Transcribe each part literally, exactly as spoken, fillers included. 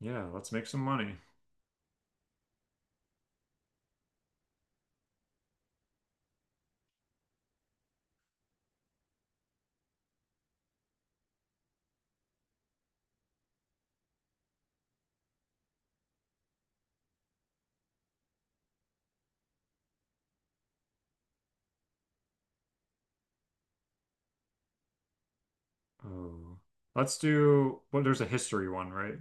Yeah, let's make some money. Oh, let's do. Well, there's a history one, right?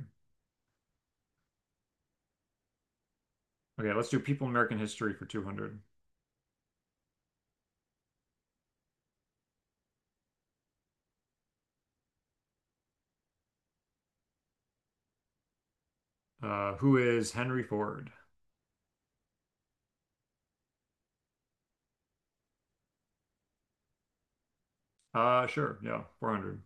Okay, let's do people in American history for two hundred. Uh, who is Henry Ford? Uh, sure, yeah, four hundred.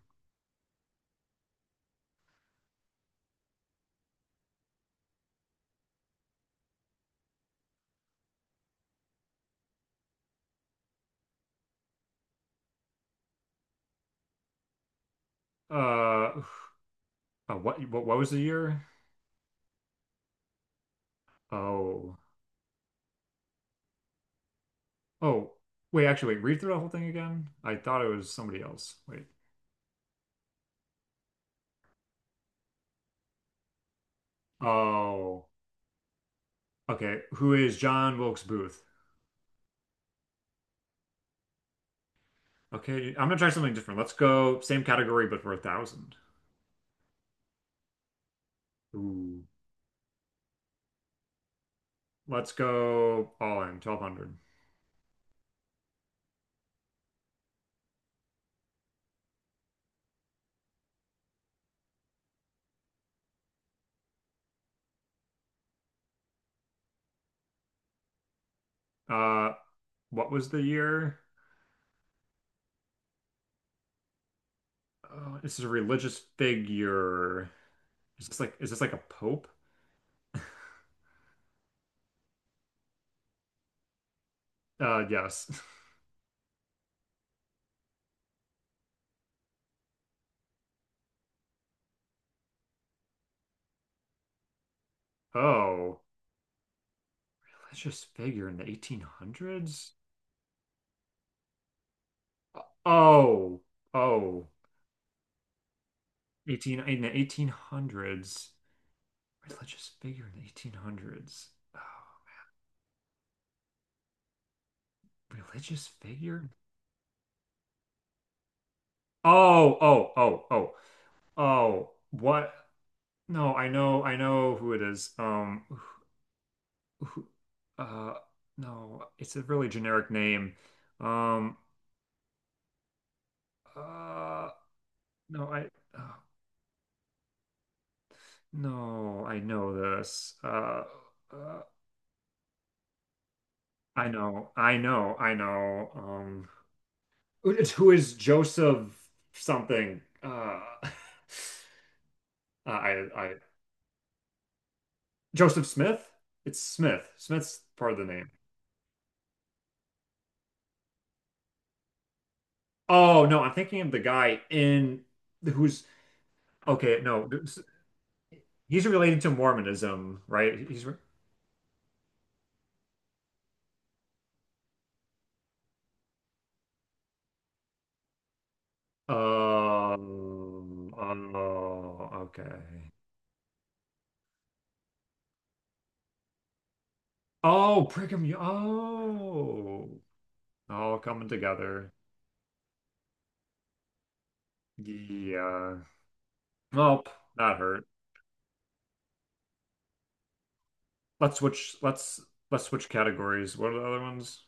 Uh, uh, what what what was the year? Oh, oh, wait, actually, wait, read through the whole thing again. I thought it was somebody else. Wait. Oh, okay. Who is John Wilkes Booth? Okay, I'm gonna try something different. Let's go same category, but for a thousand. Ooh, let's go all in twelve hundred. Uh, what was the year? Oh, this is a religious figure. Is this like is this like a pope? Uh, yes. Oh, religious figure in the eighteen hundreds? Oh, oh, eighteen, in the eighteen hundreds. Religious figure in the eighteen hundreds. Oh, religious figure? Oh, oh, oh, oh, oh. What? No, I know, I know who it is. Um, who, uh, no, it's a really generic name. Um, uh, no, I, uh, no, I know this. Uh, uh, I know, I know, I know. Um, who who is Joseph something? Uh, I, I, Joseph Smith? It's Smith. Smith's part of the name. Oh no, I'm thinking of the guy in who's okay. No, he's relating to Mormonism, right? He's. Um, oh, okay. Oh, Brigham Young. Oh, all coming together. Yeah. Nope, that hurt. Let's switch. Let's let's switch categories. What are the other ones?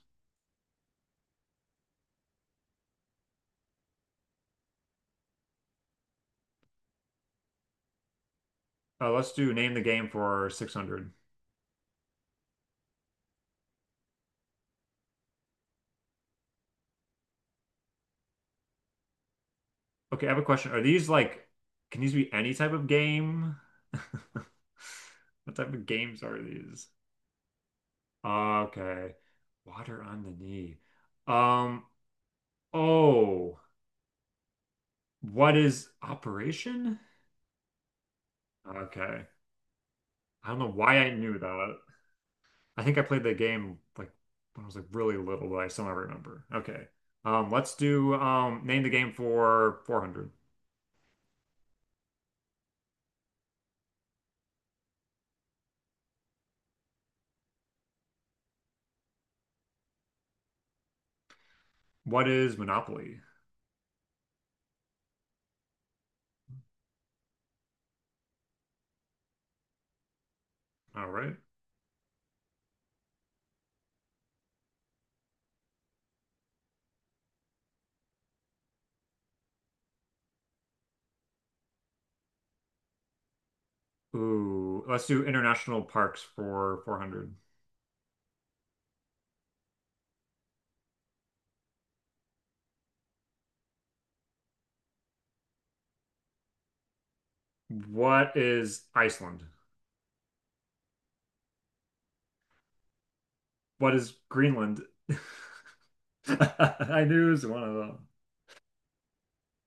Uh, let's do name the game for six hundred. Okay, I have a question. Are these like, can these be any type of game? What type of games are these? Okay. Water on the knee. Um, oh. What is Operation? Okay. I don't know why I knew that. I think I played the game like when I was like really little, but I somehow remember. Okay. Um, let's do um name the game for four hundred. What is Monopoly? All right. Ooh, let's do international parks for four hundred. What is Iceland? What is Greenland? I knew it was one of them.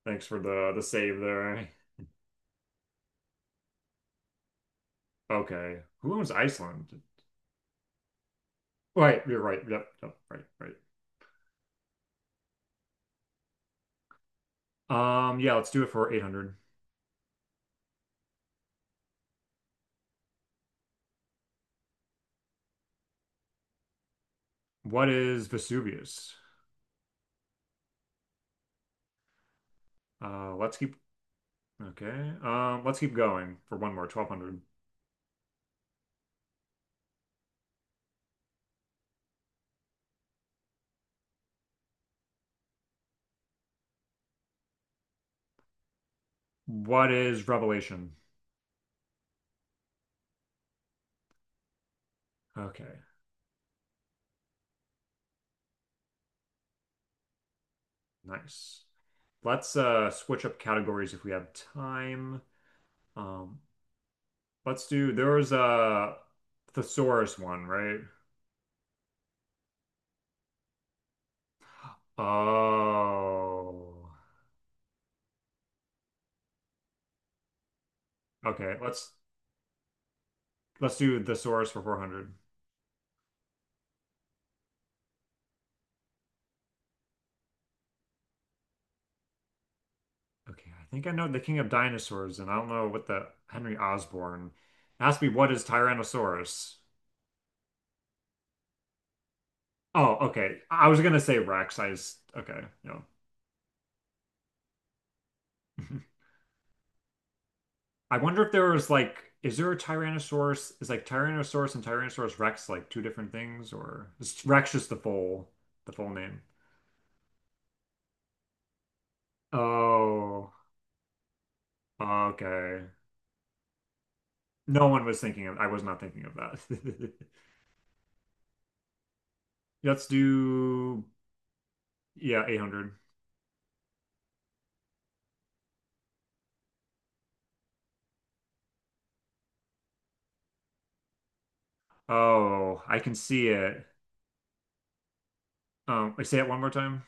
Thanks for the the save there. Okay. Who owns Iceland? Right, you're right. Yep, yep, right, right. Um, yeah, let's do it for eight hundred. What is Vesuvius? Uh, let's keep okay. Um, let's keep going for one more, twelve hundred. What is Revelation? Okay, nice. Let's uh switch up categories if we have time. Um, let's do there was a thesaurus one, right? Oh, okay. Let's let's do thesaurus for four hundred. Okay, I think I know the King of Dinosaurs, and I don't know what the Henry Osborn. Ask me what is Tyrannosaurus? Oh, okay. I I was gonna say Rex. I just okay, no. I wonder if there was like, is there a Tyrannosaurus? Is like Tyrannosaurus and Tyrannosaurus Rex like two different things, or is Rex just the full the full name? Oh, okay. No one was thinking of. I was not thinking of that. Let's do yeah, eight hundred. Oh, I can see it. Um, say it one more time.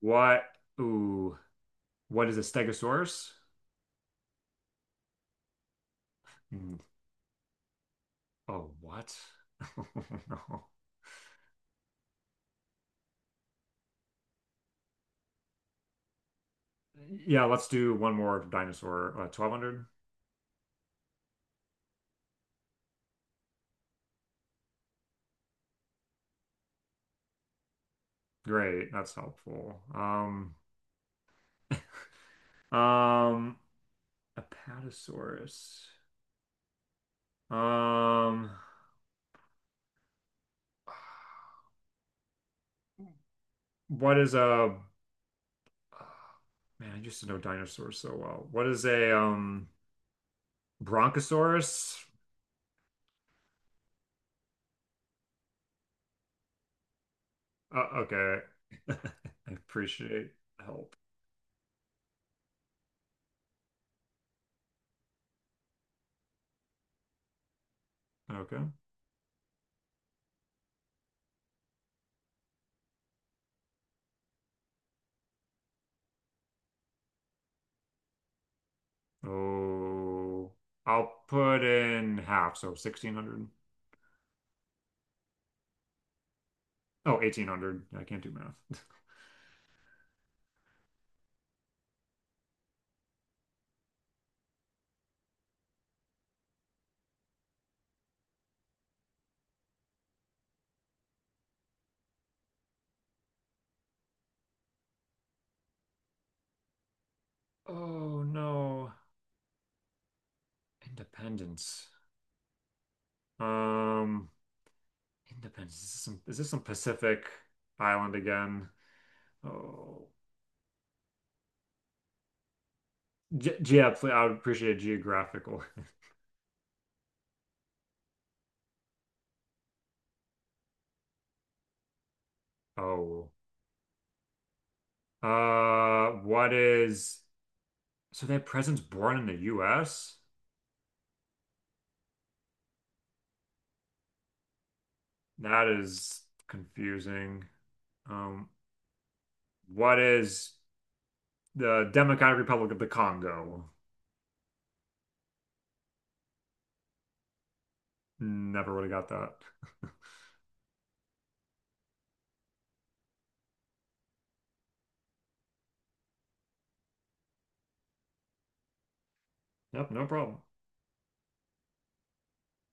What? Ooh, what is a stegosaurus? Mm, oh, what? Oh, no. Yeah, let's do one more dinosaur. Uh, twelve hundred. Great, that's helpful. Um, um, Apatosaurus. Um, what is a man? I used to know dinosaurs so well. What is a um Bronchosaurus? Uh, okay, I appreciate help. Okay. Oh, I'll put in half, so sixteen hundred. Oh, eighteen hundred. I can't do math. Oh no. Independence. Um, Independence. Is this some, is this some Pacific island again? Oh, Ge- yeah, pl- I would appreciate a geographical. Oh, uh, what is, so that president's born in the U S? That is confusing. Um, what is the Democratic Republic of the Congo. Never would have got that. Yep, no problem.